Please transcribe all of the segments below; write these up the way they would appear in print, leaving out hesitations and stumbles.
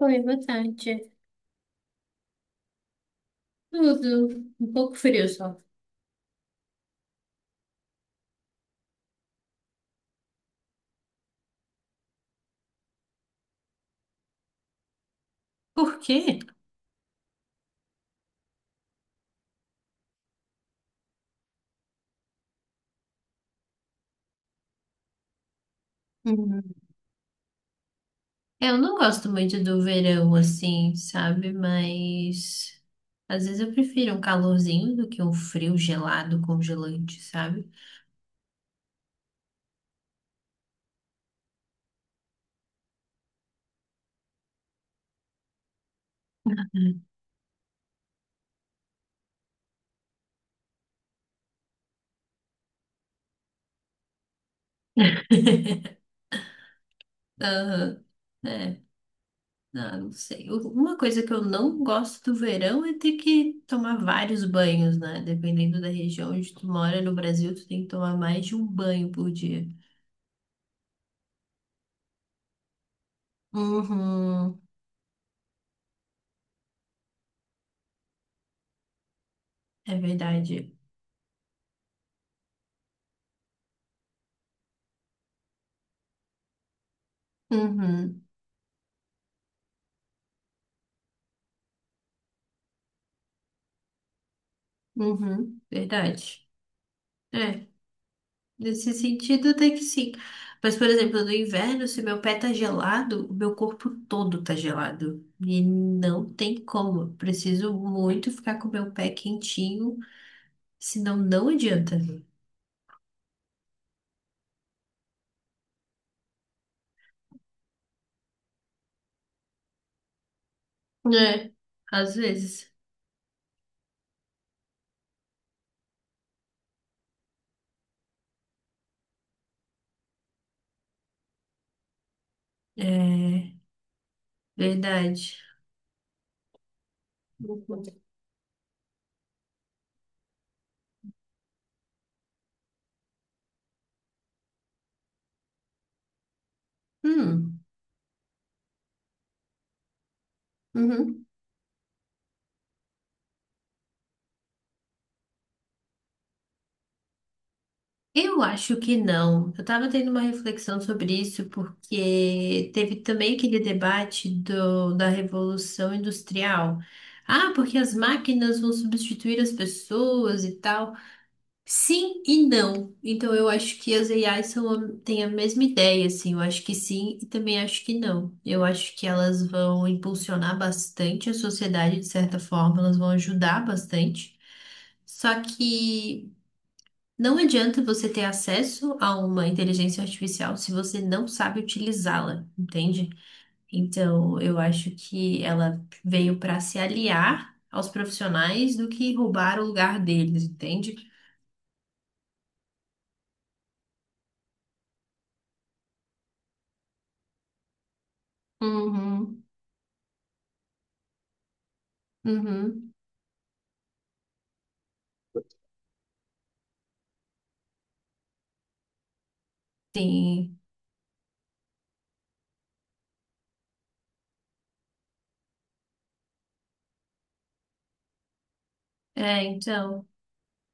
Oi, boa tarde. Tudo um pouco frio só. Por quê? Hum. Eu não gosto muito do verão assim, sabe? Mas às vezes eu prefiro um calorzinho do que um frio gelado, congelante, sabe? Ah, é, ah, não sei. Uma coisa que eu não gosto do verão é ter que tomar vários banhos, né? Dependendo da região onde tu mora, no Brasil, tu tem que tomar mais de um banho por dia. Uhum, é verdade. Uhum. Uhum, verdade. É, nesse sentido até que sim. Mas, por exemplo, no inverno, se meu pé tá gelado, o meu corpo todo tá gelado. E não tem como. Eu preciso muito ficar com o meu pé quentinho, senão não adianta. É, às vezes. É, verdade. Uhum. Hum, uhum. Eu acho que não. Eu estava tendo uma reflexão sobre isso porque teve também aquele debate da Revolução Industrial. Ah, porque as máquinas vão substituir as pessoas e tal. Sim e não. Então eu acho que as AIs são, têm a mesma ideia, assim. Eu acho que sim e também acho que não. Eu acho que elas vão impulsionar bastante a sociedade, de certa forma, elas vão ajudar bastante. Só que não adianta você ter acesso a uma inteligência artificial se você não sabe utilizá-la, entende? Então, eu acho que ela veio para se aliar aos profissionais do que roubar o lugar deles, entende? Uhum, uhum, sim. É, então.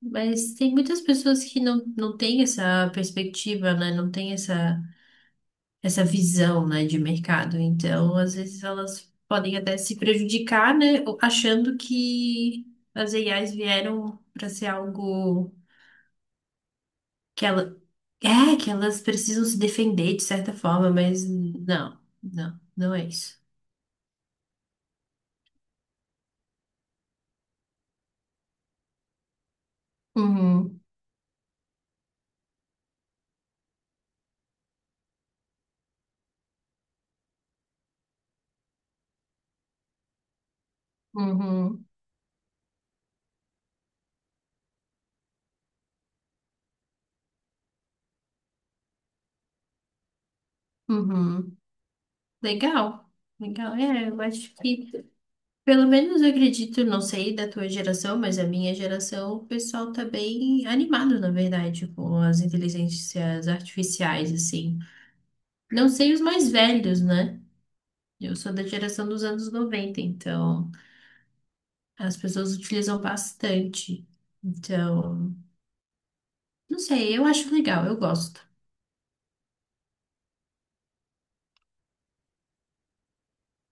Mas tem muitas pessoas que não, não têm essa perspectiva, né? Não têm essa visão, né, de mercado. Então, às vezes elas podem até se prejudicar, né, achando que as AIs vieram para ser algo que ela que elas precisam se defender de certa forma, mas não, não, não é isso. Uhum, uhum, uhum. Legal, legal. É, eu acho que pelo menos eu acredito, não sei da tua geração, mas a minha geração, o pessoal tá bem animado, na verdade, com as inteligências artificiais, assim. Não sei os mais velhos, né? Eu sou da geração dos anos 90, então as pessoas utilizam bastante. Então, não sei, eu acho legal, eu gosto.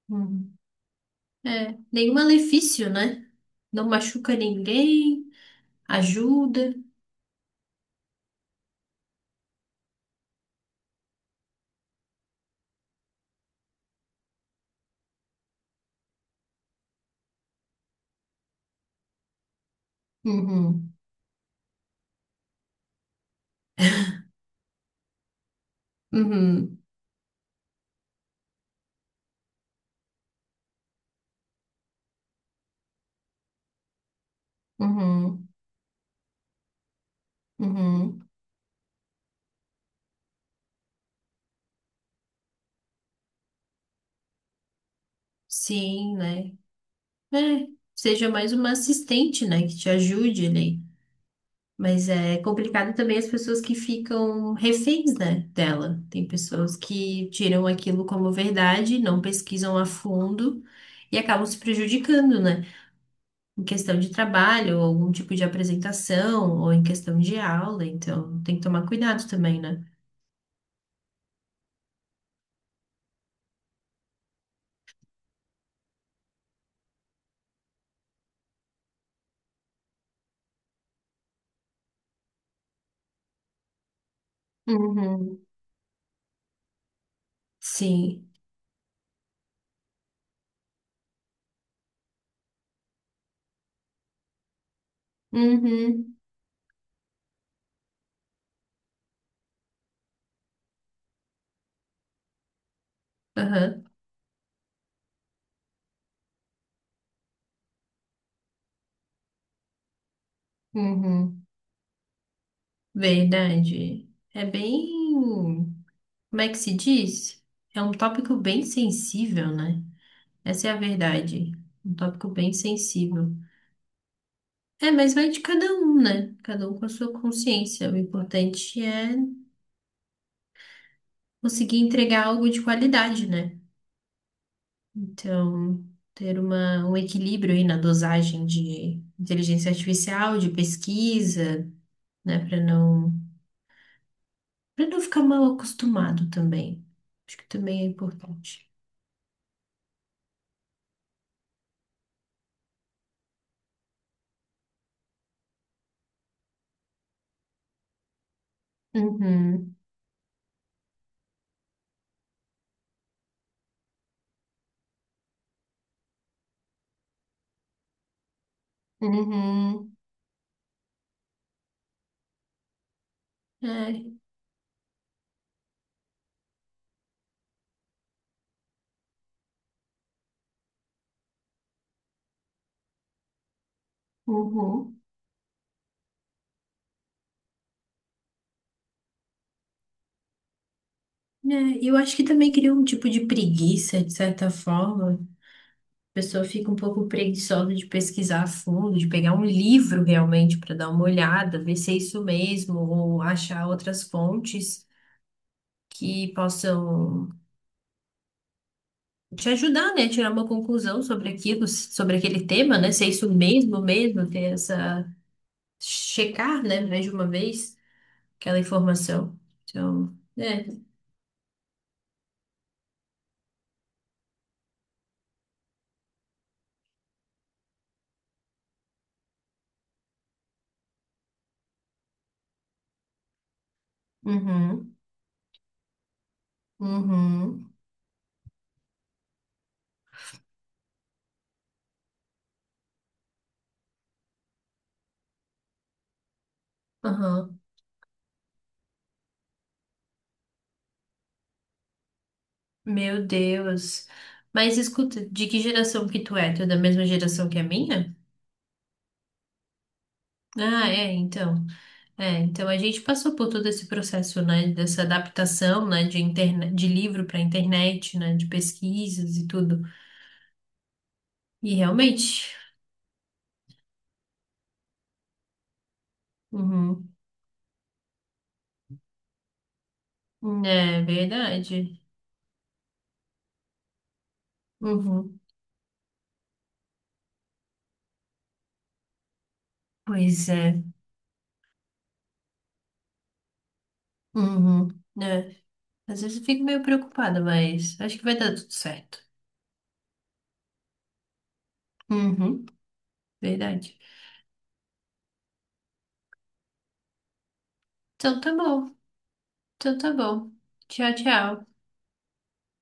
Uhum. É, nenhum malefício, né? Não machuca ninguém, ajuda. Uhum, uhum, uhum, uhum. Sim, né? É, seja mais uma assistente, né, que te ajude ali. Mas é complicado também as pessoas que ficam reféns, né, dela. Tem pessoas que tiram aquilo como verdade, não pesquisam a fundo e acabam se prejudicando, né, em questão de trabalho, ou algum tipo de apresentação, ou em questão de aula. Então, tem que tomar cuidado também, né? Uhum. Sim. Uhum. Aham. Uhum. Verdade. É bem. Como é que se diz? É um tópico bem sensível, né? Essa é a verdade. Um tópico bem sensível. É, mas vai de cada um, né? Cada um com a sua consciência. O importante é conseguir entregar algo de qualidade, né? Então, ter uma, um equilíbrio aí na dosagem de inteligência artificial, de pesquisa, né? Para não ficar mal acostumado também. Acho que também é importante. Uhum, uhum, é, uhum. É, eu acho que também cria um tipo de preguiça, de certa forma. A pessoa fica um pouco preguiçosa de pesquisar a fundo, de pegar um livro realmente para dar uma olhada, ver se é isso mesmo, ou achar outras fontes que possam te ajudar, né, a tirar uma conclusão sobre aquilo, sobre aquele tema, né, se é isso mesmo, mesmo, ter essa checar, né, mais de uma vez aquela informação. Então, é. Uhum, uhum, aham. Meu Deus. Mas escuta, de que geração que tu é? Tu é da mesma geração que a minha? Ah, é, então. É, então a gente passou por todo esse processo, né, dessa adaptação, né, de internet, de livro para internet, né, de pesquisas e tudo. E realmente, uhum, é verdade. Uhum, pois é. Uhum, né. Às vezes eu fico meio preocupada, mas acho que vai dar tudo certo. Uhum, verdade. Então tá bom. Então tá bom. Tchau, tchau.